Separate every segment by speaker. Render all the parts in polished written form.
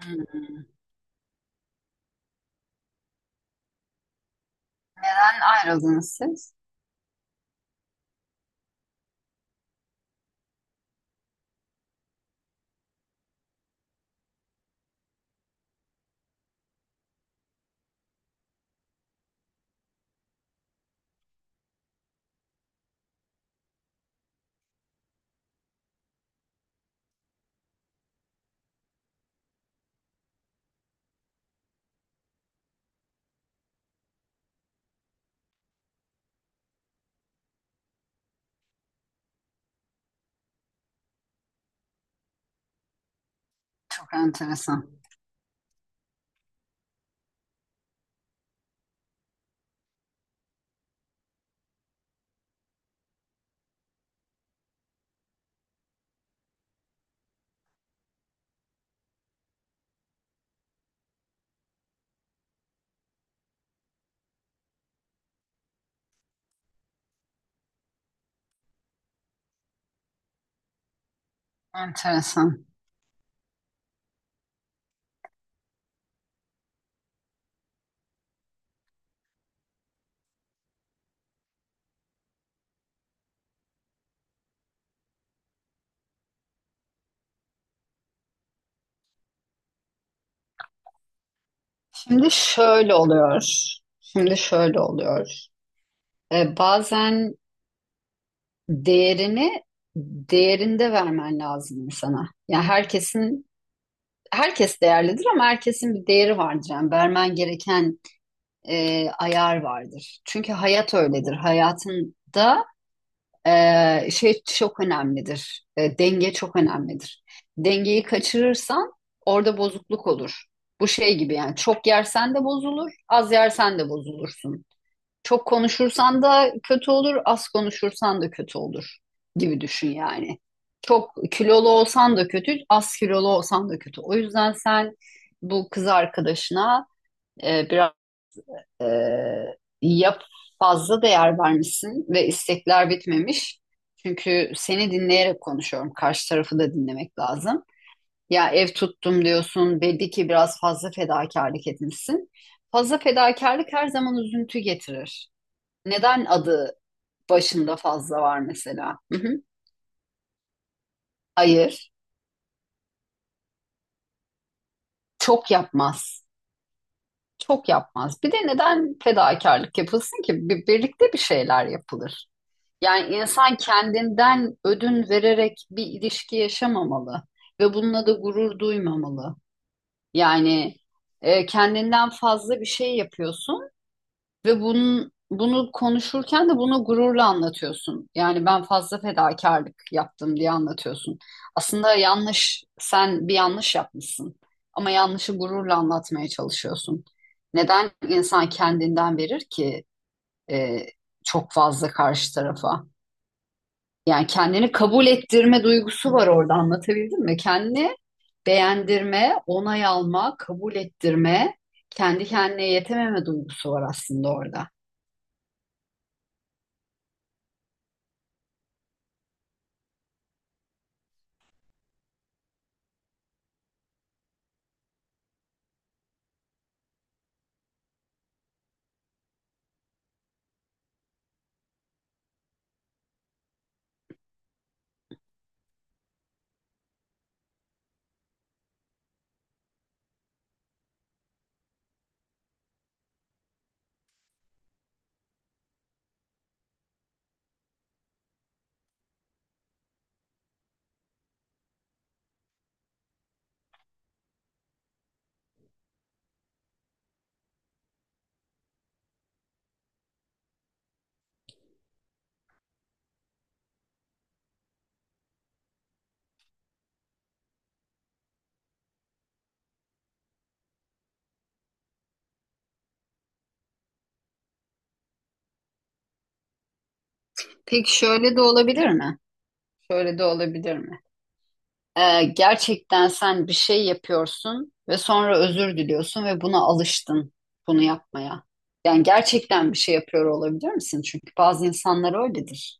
Speaker 1: Hmm. Neden ayrıldınız siz? Çok enteresan. Enteresan. Şimdi şöyle oluyor. Şimdi şöyle oluyor. Bazen değerini değerinde vermen lazım insana. Yani herkesin herkes değerlidir ama herkesin bir değeri vardır. Yani vermen gereken ayar vardır. Çünkü hayat öyledir. Hayatında şey çok önemlidir. Denge çok önemlidir. Dengeyi kaçırırsan orada bozukluk olur. Bu şey gibi yani çok yersen de bozulur, az yersen de bozulursun. Çok konuşursan da kötü olur, az konuşursan da kötü olur gibi düşün yani. Çok kilolu olsan da kötü, az kilolu olsan da kötü. O yüzden sen bu kız arkadaşına biraz ya fazla değer vermişsin ve istekler bitmemiş. Çünkü seni dinleyerek konuşuyorum. Karşı tarafı da dinlemek lazım. Ya ev tuttum diyorsun. Belli ki biraz fazla fedakarlık etmişsin. Fazla fedakarlık her zaman üzüntü getirir. Neden adı başında fazla var mesela? Hı hı. Hayır. Çok yapmaz. Çok yapmaz. Bir de neden fedakarlık yapılsın ki? Bir, birlikte bir şeyler yapılır. Yani insan kendinden ödün vererek bir ilişki yaşamamalı ve bununla da gurur duymamalı. Yani kendinden fazla bir şey yapıyorsun ve bunu konuşurken de bunu gururla anlatıyorsun. Yani ben fazla fedakarlık yaptım diye anlatıyorsun. Aslında yanlış, sen bir yanlış yapmışsın ama yanlışı gururla anlatmaya çalışıyorsun. Neden insan kendinden verir ki e, çok fazla karşı tarafa? Yani kendini kabul ettirme duygusu var orada, anlatabildim mi? Kendini beğendirme, onay alma, kabul ettirme, kendi kendine yetememe duygusu var aslında orada. Peki şöyle de olabilir mi? Şöyle de olabilir mi? Gerçekten sen bir şey yapıyorsun ve sonra özür diliyorsun ve buna alıştın bunu yapmaya. Yani gerçekten bir şey yapıyor olabilir misin? Çünkü bazı insanlar öyledir.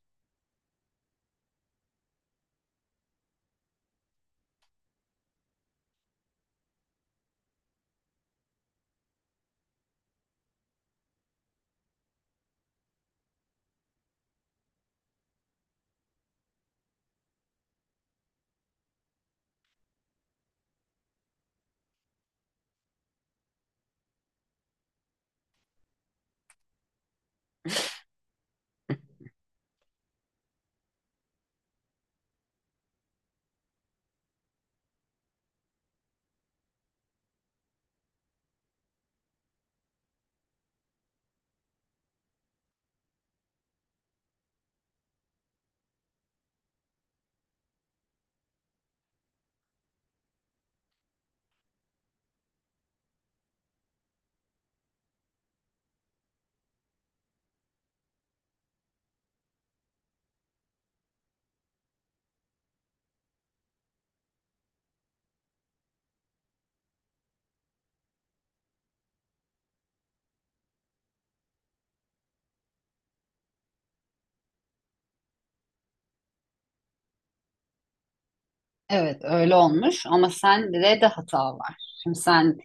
Speaker 1: Evet öyle olmuş ama sende de hata var. Şimdi sen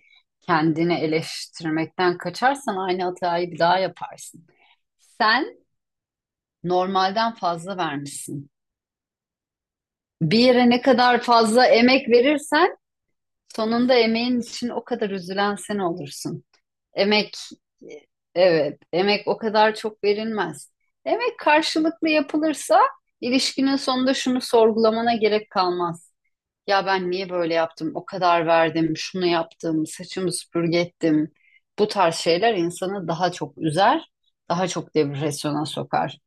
Speaker 1: kendini eleştirmekten kaçarsan aynı hatayı bir daha yaparsın. Sen normalden fazla vermişsin. Bir yere ne kadar fazla emek verirsen sonunda emeğin için o kadar üzülen sen olursun. Emek, evet, emek o kadar çok verilmez. Emek karşılıklı yapılırsa ilişkinin sonunda şunu sorgulamana gerek kalmaz. Ya ben niye böyle yaptım? O kadar verdim, şunu yaptım, saçımı süpürge ettim. Bu tarz şeyler insanı daha çok üzer, daha çok depresyona sokar.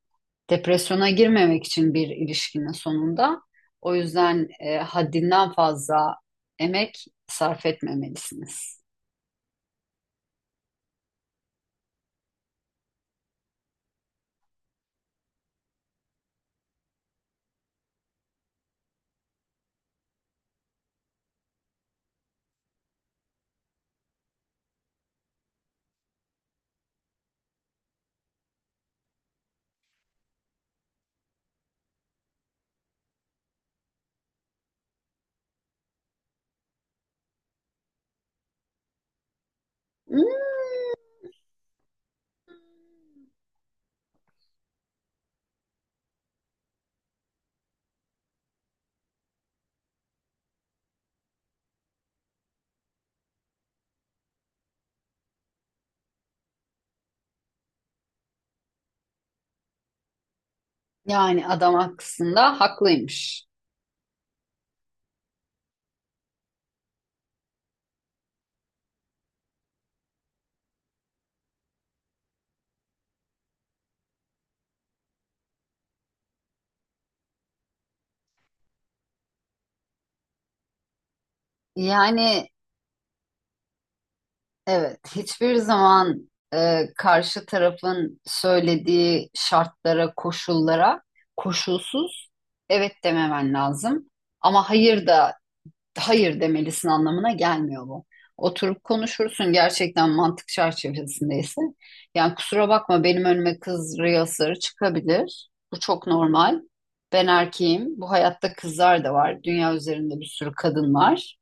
Speaker 1: Depresyona girmemek için bir ilişkinin sonunda o yüzden haddinden fazla emek sarf etmemelisiniz. Hmm. Yani adam aslında haklıymış. Yani evet, hiçbir zaman karşı tarafın söylediği şartlara, koşullara koşulsuz evet dememen lazım. Ama hayır da hayır demelisin anlamına gelmiyor bu. Oturup konuşursun gerçekten mantık çerçevesindeyse. Yani kusura bakma, benim önüme kız rüyaları çıkabilir. Bu çok normal. Ben erkeğim. Bu hayatta kızlar da var. Dünya üzerinde bir sürü kadın var.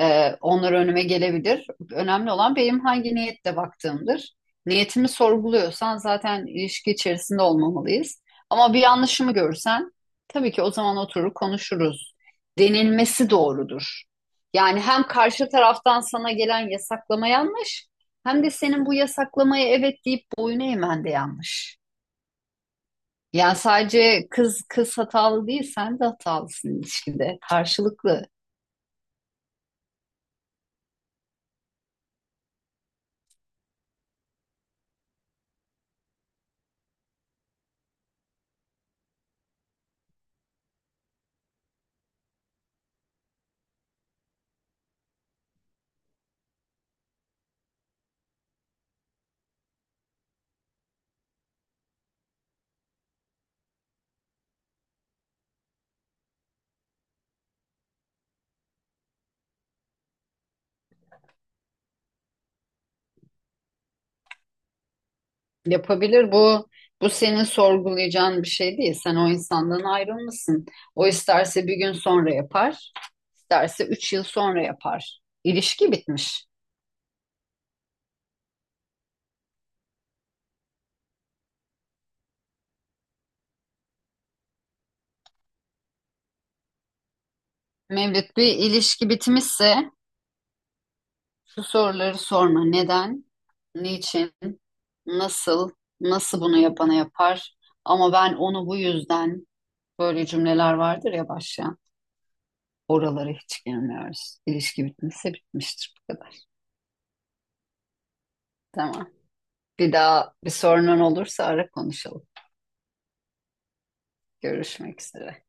Speaker 1: Onlar önüme gelebilir. Önemli olan benim hangi niyetle baktığımdır. Niyetimi sorguluyorsan zaten ilişki içerisinde olmamalıyız. Ama bir yanlışımı görsen tabii ki o zaman oturur konuşuruz. Denilmesi doğrudur. Yani hem karşı taraftan sana gelen yasaklama yanlış, hem de senin bu yasaklamaya evet deyip boyun eğmen de yanlış. Yani sadece kız hatalı değil, sen de hatalısın ilişkide. Karşılıklı. Yapabilir, bu senin sorgulayacağın bir şey değil. Sen o insandan ayrılmışsın. O isterse bir gün sonra yapar, isterse üç yıl sonra yapar. İlişki bitmiş. Mevlüt, bir ilişki bitmişse şu soruları sorma. Neden? Niçin? Nasıl? Nasıl bunu yapana yapar? Ama ben onu bu yüzden, böyle cümleler vardır ya başlayan. Oralara hiç girmiyoruz. İlişki bitmişse bitmiştir, bu kadar. Tamam. Bir daha bir sorunun olursa ara konuşalım. Görüşmek üzere.